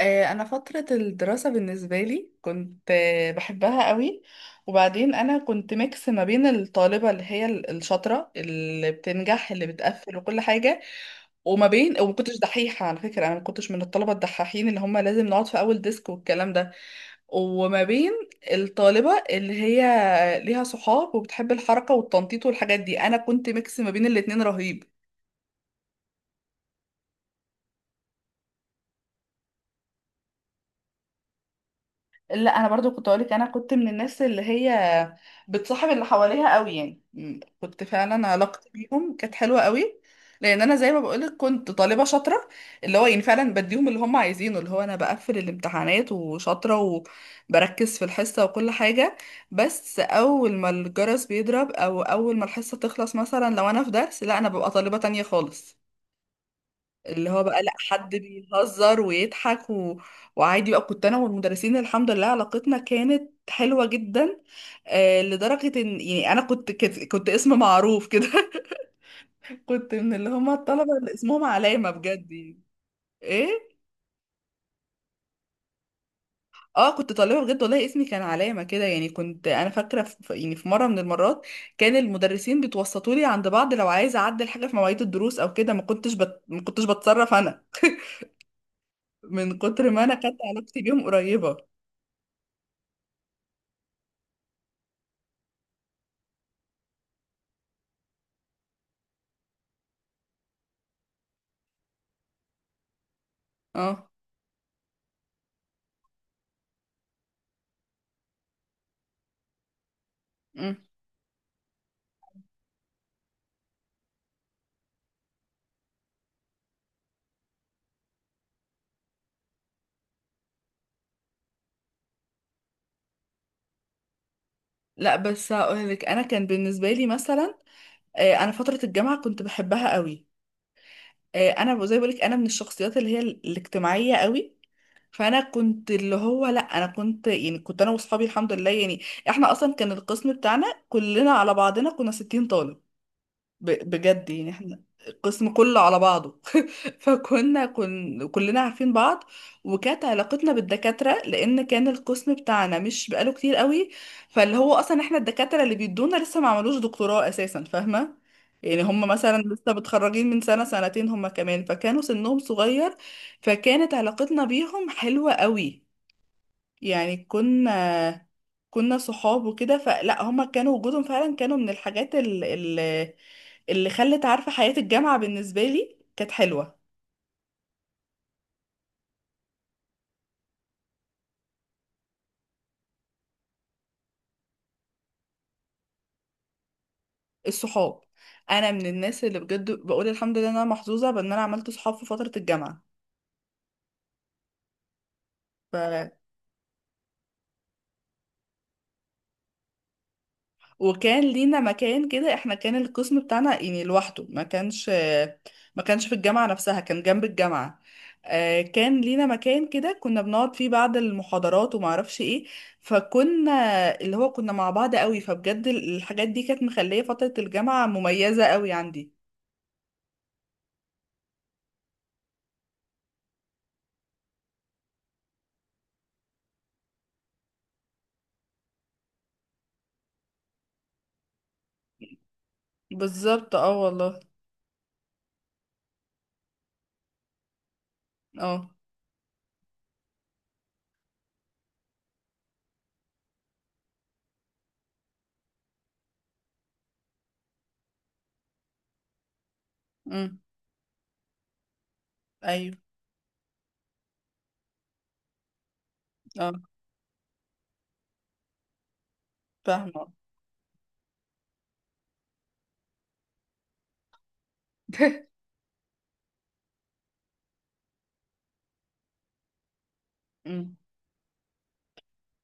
انا فتره الدراسه بالنسبه لي كنت بحبها قوي. وبعدين انا كنت ميكس ما بين الطالبه اللي هي الشاطره اللي بتنجح اللي بتقفل وكل حاجه، وما كنتش دحيحه على فكره. انا ما كنتش من الطلبه الدحاحين اللي هم لازم نقعد في اول ديسك والكلام ده. وما بين الطالبه اللي هي ليها صحاب وبتحب الحركه والتنطيط والحاجات دي، انا كنت ميكس ما بين الاتنين رهيب. لا انا برضو كنت اقولك انا كنت من الناس اللي هي بتصاحب اللي حواليها قوي، يعني كنت فعلا علاقتي بيهم كانت حلوه قوي. لان انا زي ما بقولك كنت طالبه شاطره، اللي هو يعني فعلا بديهم اللي هم عايزينه، اللي هو انا بقفل الامتحانات وشاطره وبركز في الحصه وكل حاجه. بس اول ما الجرس بيضرب او اول ما الحصه تخلص، مثلا لو انا في درس، لا انا ببقى طالبه تانية خالص، اللي هو بقى لا حد بيهزر ويضحك وعادي بقى. كنت انا والمدرسين الحمد لله علاقتنا كانت حلوة جدا. آه، لدرجة ان يعني انا كنت اسم معروف كده كنت من اللي هم الطلبة اللي اسمهم علامة بجد يعني. ايه. اه، كنت طالبة بجد والله اسمي كان علامة كده يعني. كنت انا فاكرة يعني في مرة من المرات كان المدرسين بيتوسطوا لي عند بعض لو عايزة اعدل حاجة في مواعيد الدروس او كده. ما كنتش ما كنتش بتصرف انا، من كتر ما انا كانت علاقتي بيهم قريبة. اه. مم. لا بس هقول لك انا كان بالنسبه لي مثلا، انا فتره الجامعه كنت بحبها قوي. انا زي ما بقول لك، انا من الشخصيات اللي هي الاجتماعيه قوي. فانا كنت اللي هو لا انا كنت يعني كنت انا واصحابي الحمد لله يعني احنا اصلا كان القسم بتاعنا كلنا على بعضنا كنا 60 طالب، بجد يعني احنا القسم كله على بعضه فكنا كلنا عارفين بعض. وكانت علاقتنا بالدكاترة، لأن كان القسم بتاعنا مش بقاله كتير قوي، فاللي هو أصلا احنا الدكاترة اللي بيدونا لسه ما عملوش دكتوراه أساسا، فاهمة. يعني هم مثلا لسه متخرجين من سنة سنتين، هم كمان فكانوا سنهم صغير. فكانت علاقتنا بيهم حلوة قوي. يعني كنا صحاب وكده، فلا هما كانوا وجودهم فعلا كانوا من الحاجات اللي خلت عارفة حياة الجامعة بالنسبة لي كانت حلوة. الصحاب، انا من الناس اللي بجد بقول الحمد لله إن انا محظوظة بان انا عملت صحاب في فترة الجامعة. وكان لينا مكان كده، احنا كان القسم بتاعنا يعني لوحده، ما كانش في الجامعة نفسها كان جنب الجامعة. كان لينا مكان كده كنا بنقعد فيه بعد المحاضرات وما اعرفش ايه. فكنا اللي هو كنا مع بعض قوي، فبجد الحاجات دي كانت مخلية فترة الجامعة مميزة قوي عندي. بالظبط اه والله. اه. امم. ايوه. اه. فاهمة. مم.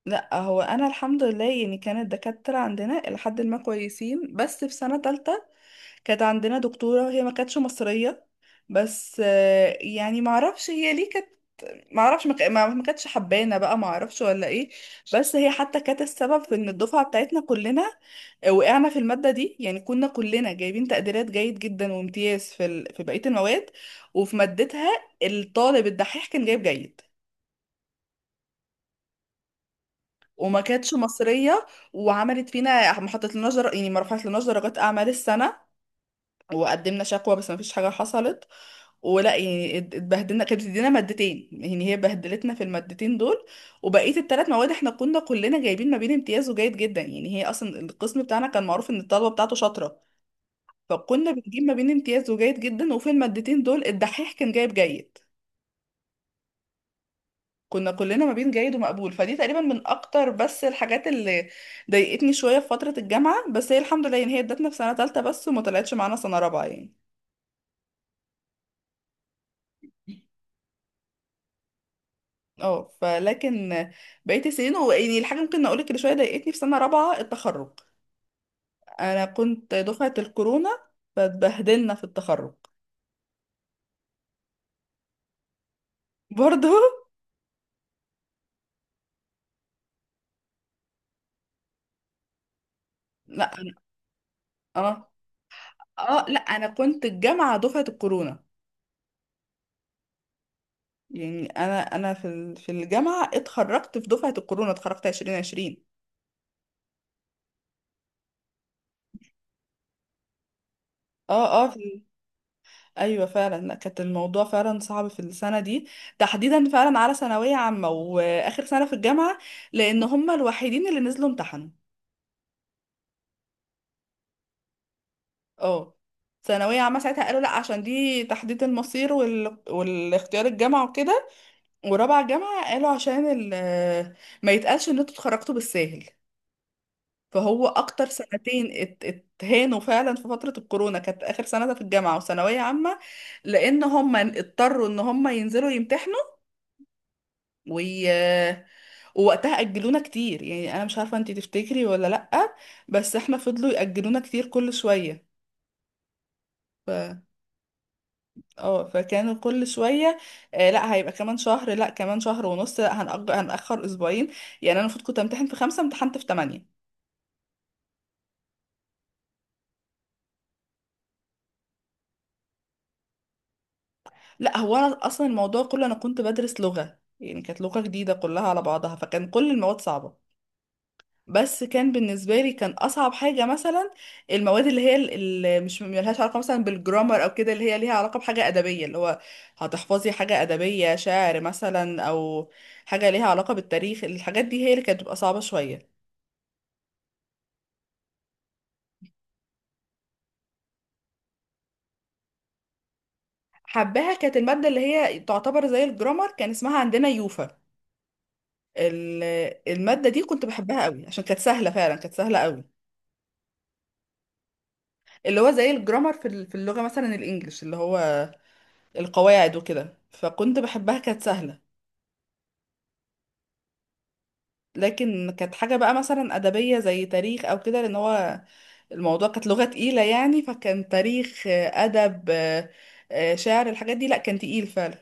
لا هو انا الحمد لله يعني كانت الدكاتره عندنا لحد ما كويسين، بس في سنه تالتة كانت عندنا دكتورة هي ما كانتش مصرية. بس يعني ما اعرفش هي ليه كانت، ما اعرفش ما كانتش حبانة بقى، ما اعرفش ولا ايه. بس هي حتى كانت السبب في ان الدفعة بتاعتنا كلنا وقعنا في المادة دي. يعني كنا كلنا جايبين تقديرات جيد جدا وامتياز في بقية المواد، وفي مادتها الطالب الدحيح كان جايب جيد. وما كانتش مصرية، وعملت فينا. ما حطت لناش يعني ما رفعت لناش درجات اعمال السنة. وقدمنا شكوى بس مفيش حاجة حصلت. ولا يعني اتبهدلنا. كانت بتدينا مادتين، يعني هي بهدلتنا في المادتين دول، وبقية الثلاث مواد احنا كنا كلنا جايبين ما بين امتياز وجيد جدا. يعني هي اصلا القسم بتاعنا كان معروف ان الطلبة بتاعته شاطرة، فكنا بنجيب ما بين امتياز وجيد جدا، وفي المادتين دول الدحيح كان جايب جيد. كنا كلنا ما بين جيد ومقبول. فدي تقريبا من اكتر بس الحاجات اللي ضايقتني شوية في فترة الجامعة. بس هي الحمد لله يعني هي ادتنا في سنة تالتة بس وما طلعتش معانا سنة رابعة يعني. اه، فلكن بقيت السنين، هو يعني الحاجة ممكن اقولك اللي شوية ضايقتني في سنة رابعة التخرج، انا كنت دفعة الكورونا، فاتبهدلنا في التخرج. برضه. لا. اه. اه، لا انا كنت الجامعة دفعة الكورونا. يعني انا في في الجامعة اتخرجت في دفعة الكورونا، اتخرجت 2020. اه اه في. ايوه فعلا، لا كانت الموضوع فعلا صعب في السنه دي تحديدا، فعلا على ثانويه عامه واخر سنه في الجامعه، لان هم الوحيدين اللي نزلوا امتحنوا. اه. ثانوية عامة ساعتها قالوا لا عشان دي تحديد المصير والاختيار الجامعة وكده. ورابعة جامعة قالوا عشان ما يتقالش ان انتوا اتخرجتوا بالساهل. فهو اكتر سنتين اتهانوا فعلا في فترة الكورونا، كانت اخر سنة ده في الجامعة وثانوية عامة، لان هم اضطروا ان هم ينزلوا يمتحنوا وي... ووقتها اجلونا كتير. يعني انا مش عارفة انتي تفتكري ولا لأ، بس احنا فضلوا يأجلونا كتير كل شوية. اه فكانوا كل شويه، آه، لا هيبقى كمان شهر، لا كمان شهر ونص، لا هنأجر هنأخر اسبوعين. يعني انا المفروض كنت امتحن في خمسة، امتحنت في تمانية. لا هو انا اصلا الموضوع كله، انا كنت بدرس لغه يعني كانت لغه جديده كلها على بعضها فكان كل المواد صعبه. بس كان بالنسبه لي كان اصعب حاجه مثلا المواد اللي هي اللي مش ملهاش علاقه مثلا بالجرامر او كده، اللي هي ليها علاقه بحاجه ادبيه، اللي هو هتحفظي حاجه ادبيه شعر مثلا، او حاجه ليها علاقه بالتاريخ. الحاجات دي هي اللي كانت بتبقى صعبه شويه. حباها كانت المادة اللي هي تعتبر زي الجرامر، كان اسمها عندنا يوفا. ال- المادة دي كنت بحبها قوي، عشان كانت سهلة فعلا، كانت سهلة قوي. اللي هو زي الجرامر في في اللغة مثلا الإنجليش، اللي هو القواعد وكده، فكنت بحبها كانت سهلة. لكن كانت حاجة بقى مثلا أدبية زي تاريخ أو كده، لأن هو الموضوع كانت لغة تقيلة يعني، فكان تاريخ، أدب، شعر، الحاجات دي لأ، كان تقيل فعلا.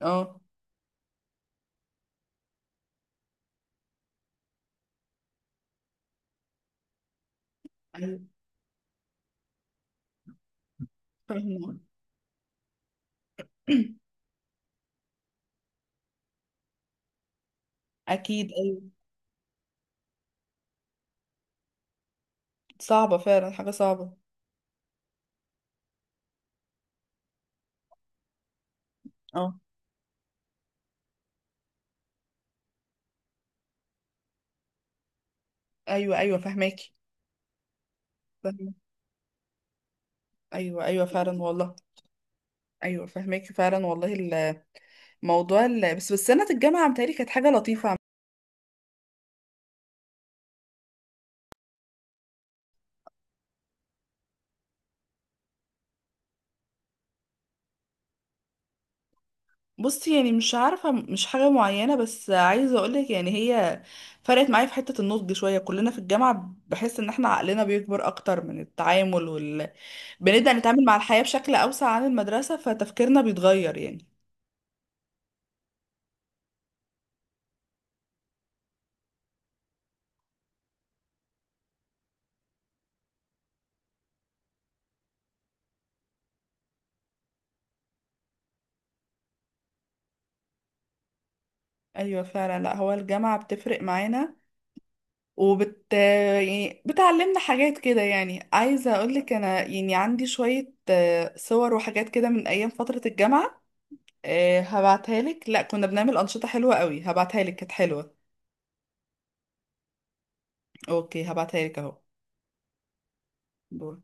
اه. أيوة. فاهمة. أكيد أيوة. صعبة فعلا، حاجة صعبة. اه ايوه ايوه فهماكي. فاهمة. ايوه ايوه فعلا والله. ايوه فهماكي فعلا والله. الموضوع بس سنه الجامعه متهيألي كانت حاجه لطيفه بصي يعني مش عارفه مش حاجه معينه، بس عايزه اقولك يعني هي فرقت معايا في حته النضج شويه. كلنا في الجامعه بحس ان احنا عقلنا بيكبر اكتر من التعامل، بنبدا نتعامل مع الحياه بشكل اوسع عن المدرسه، فتفكيرنا بيتغير يعني. ايوه فعلا، لا هو الجامعه بتفرق معانا يعني بتعلمنا حاجات كده. يعني عايزة أقولك أنا يعني عندي شوية صور وحاجات كده من أيام فترة الجامعة. هبعتها لك، لا كنا بنعمل أنشطة حلوة قوي، هبعتها لك كانت حلوة. أوكي هبعتها لك. أهو.